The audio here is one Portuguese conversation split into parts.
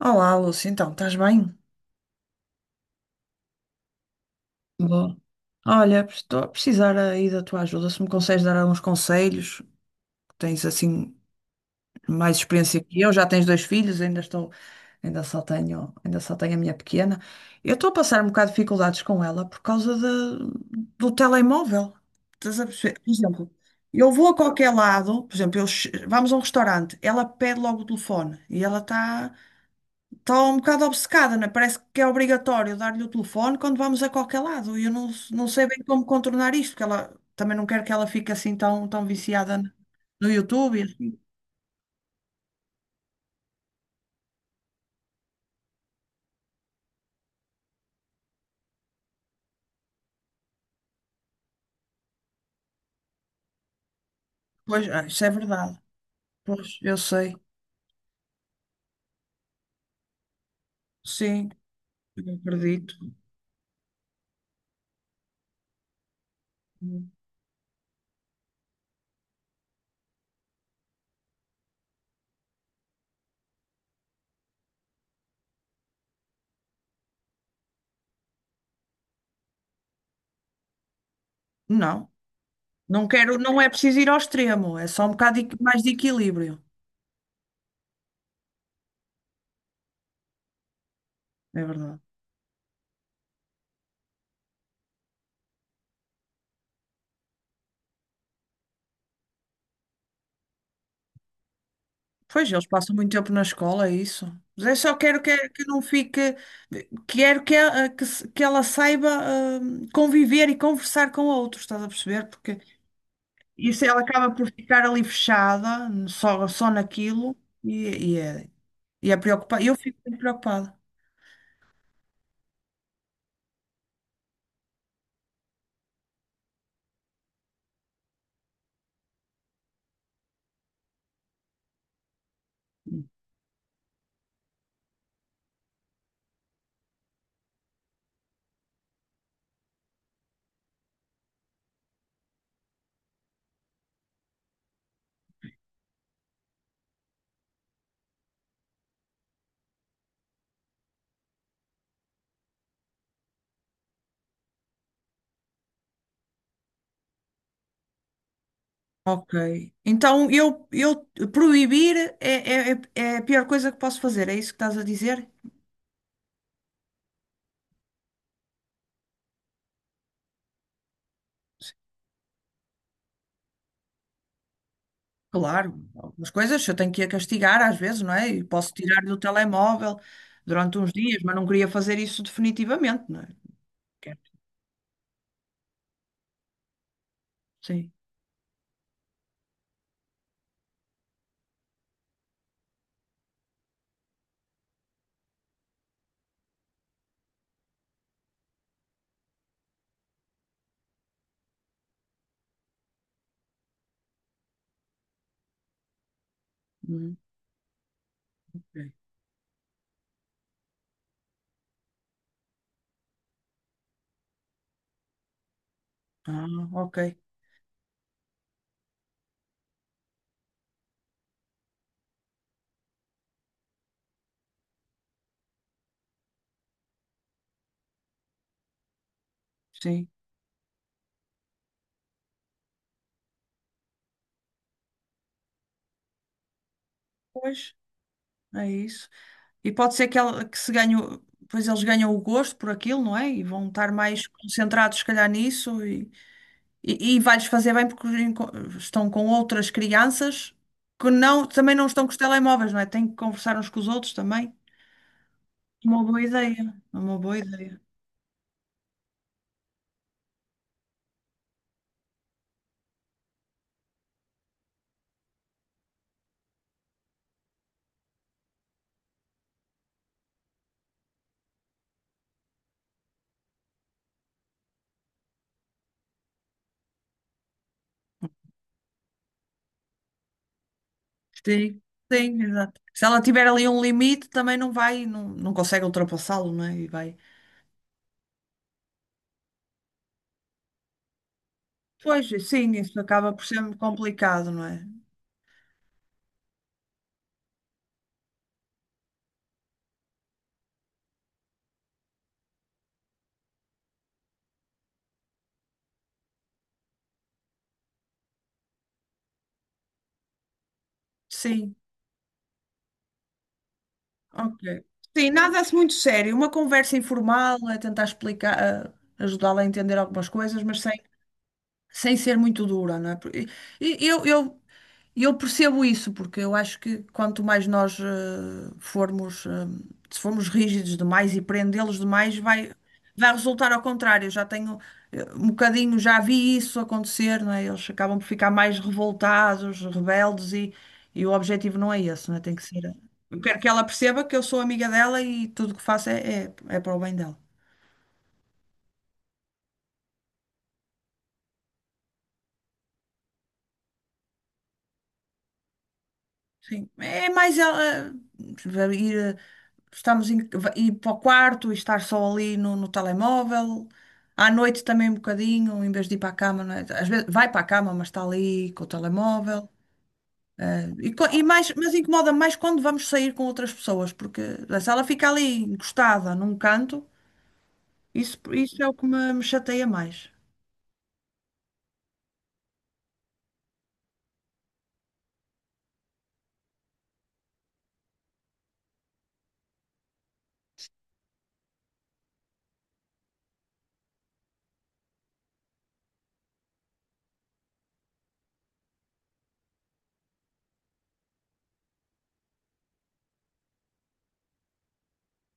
Olá, Lúcia, então, estás bem? Bom, Olha, estou a precisar aí da tua ajuda, se me consegues dar alguns conselhos, tens assim mais experiência que eu, já tens dois filhos, ainda só tenho a minha pequena. Eu estou a passar um bocado de dificuldades com ela do telemóvel. Estás a perceber? Por exemplo, eu vou a qualquer lado, por exemplo, eu che- vamos a um restaurante, ela pede logo o telefone e ela está estou um bocado obcecada, né? Parece que é obrigatório dar-lhe o telefone quando vamos a qualquer lado. E eu não sei bem como contornar isto, porque ela também não quero que ela fique assim tão viciada no YouTube e assim. Pois, isso é verdade. Pois, eu sei. Sim, eu acredito. Não, não quero, não é preciso ir ao extremo, é só um bocado de- mais de equilíbrio. É verdade. Pois, eles passam muito tempo na escola, é isso. Mas eu só quero que não fique. Quero que ela, que, se- que ela saiba conviver e conversar com outros, estás a perceber? Porque isso ela acaba por ficar ali fechada, só naquilo, e, e é, e é preocupada. Eu fico muito preocupada. Hum. Ok. Então eu proibir é a pior coisa que posso fazer, é isso que estás a dizer? Sim. Claro, algumas coisas eu tenho que a castigar às vezes, não é? E posso tirar do telemóvel durante uns dias, mas não queria fazer isso definitivamente, não é? Quero. Sim. Hum, ok. Ah, ok. Sim. Pois, é isso. E pode ser que, ela, que se ganhe, o- pois eles ganham o gosto por aquilo, não é? E vão estar mais concentrados, se calhar, nisso. E, E vai-lhes fazer bem porque estão com outras crianças que também não estão com os telemóveis, não é? Têm que conversar uns com os outros também. Uma boa ideia, uma boa ideia. Sim, sim, exato. Se ela tiver ali um limite, também não consegue ultrapassá-lo, não é? E vai. Pois, sim, isso acaba por ser complicado, não é? Sim, ok. Sim, nada se muito sério. Uma conversa informal, é tentar explicar, eh, ajudá-la a entender algumas coisas, mas sem, sem ser muito dura, não é? E Eu, eu E eu percebo isso, porque eu acho que quanto mais nós formos, eh, se formos rígidos demais e prendê-los demais, vai resultar ao contrário. Eu já tenho um bocadinho, já vi isso acontecer, não é? Eles acabam por ficar mais revoltados, rebeldes, e o objetivo não é esse, não é? Tem que ser. Eh, Eu quero que ela perceba que eu sou amiga dela e tudo o que faço é para o bem dela. Sim, é mais ela vai ir, eh, estamos em, vai ir para o quarto e estar só ali no telemóvel. À noite também um bocadinho, em vez de ir para a cama, não é? Às vezes vai para a cama, mas está ali com o telemóvel. Mas incomoda mais quando vamos sair com outras pessoas, porque se ela fica ali encostada num canto, isso é o que me chateia mais.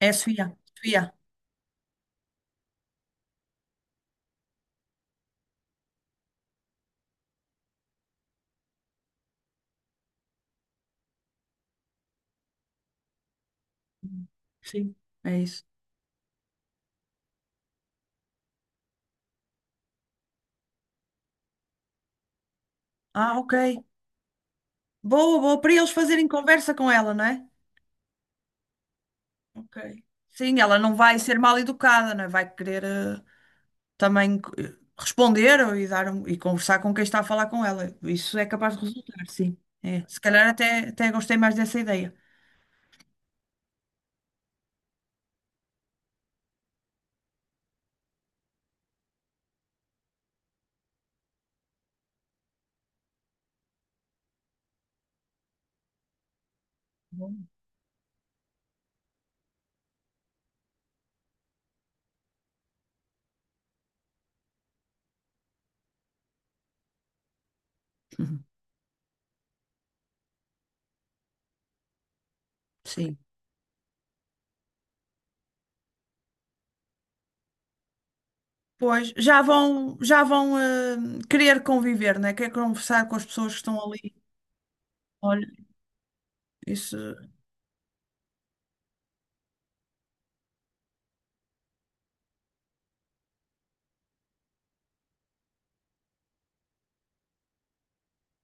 É a Sofia. Sofia. Sim, é isso. Ah, ok. Boa, boa, para eles fazerem conversa com ela, não é? Ok. Sim, ela não vai ser mal educada, não é? Vai querer também eh, responder ou- e dar um- e conversar com quem está a falar com ela. Isso é capaz de resultar, sim. É. Se calhar até, até gostei mais dessa ideia. Bom. Uhum. Sim. Pois, já vão, já vão querer conviver, né? Quer conversar com as pessoas que estão ali. Olha, isso,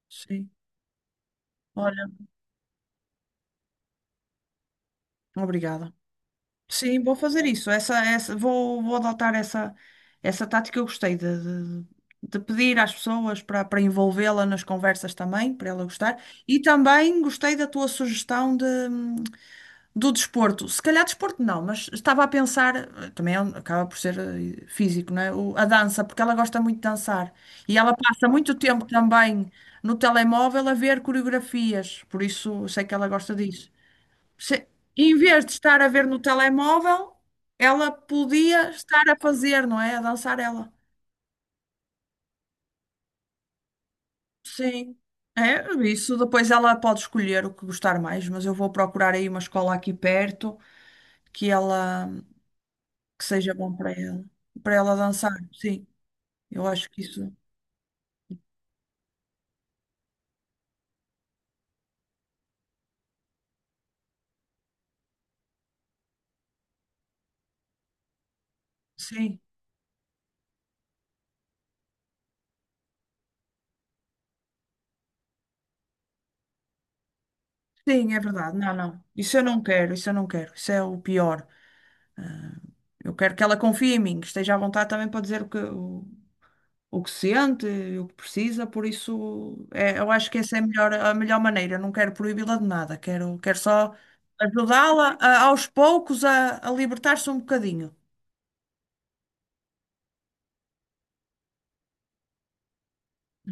sim. Olha, obrigada. Sim, vou fazer isso. Vou adotar essa, essa tática. Eu gostei de, de pedir às pessoas para envolvê-la nas conversas também, para ela gostar. E também gostei da tua sugestão de, do desporto. Se calhar desporto não, mas estava a pensar, acaba por ser físico, não é? A dança, porque ela gosta muito de dançar. E ela passa muito tempo também no telemóvel a ver coreografias, por isso eu sei que ela gosta disso. Se- Em vez de estar a ver no telemóvel, ela podia estar a fazer, não é? A dançar ela. Sim. É, isso depois ela pode escolher o que gostar mais, mas eu vou procurar aí uma escola aqui perto que ela que seja bom para ela dançar. Sim, eu acho que isso. Sim. Sim, é verdade. Não, não. Isso eu não quero, isso eu não quero. Isso é o pior. Eu quero que ela confie em mim, que esteja à vontade também para dizer o que sente, o que precisa, por isso é, eu acho que essa é a melhor maneira. Não quero proibi-la de nada, quero, quero só aos poucos a libertar-se um bocadinho.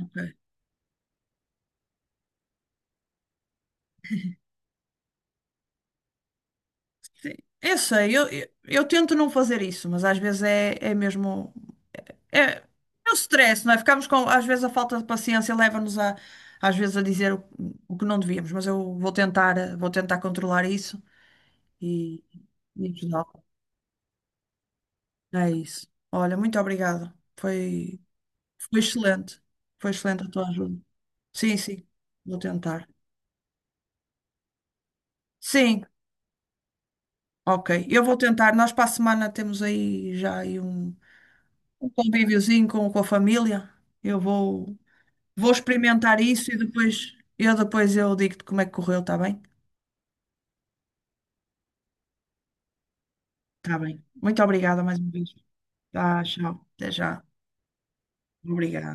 Ok. Sim, eu sei, eu tento não fazer isso, mas às vezes é, é mesmo. É, é o stress, não é? Ficamos com. Às vezes a falta de paciência leva-nos a. Às vezes a dizer o que não devíamos, mas eu vou tentar, vou tentar controlar isso e, e ajudá-la. É isso. Olha, muito obrigada. Foi. Foi excelente. Foi excelente a tua ajuda. Sim, sim. Vou tentar. Sim, ok. Eu vou tentar. Nós para a semana temos aí já aí um convíviozinho com a família. Eu vou, vou experimentar isso e depois eu digo-te como é que correu, está bem? Está bem. Muito obrigada mais uma vez. Tá, tchau. Até já. Obrigada.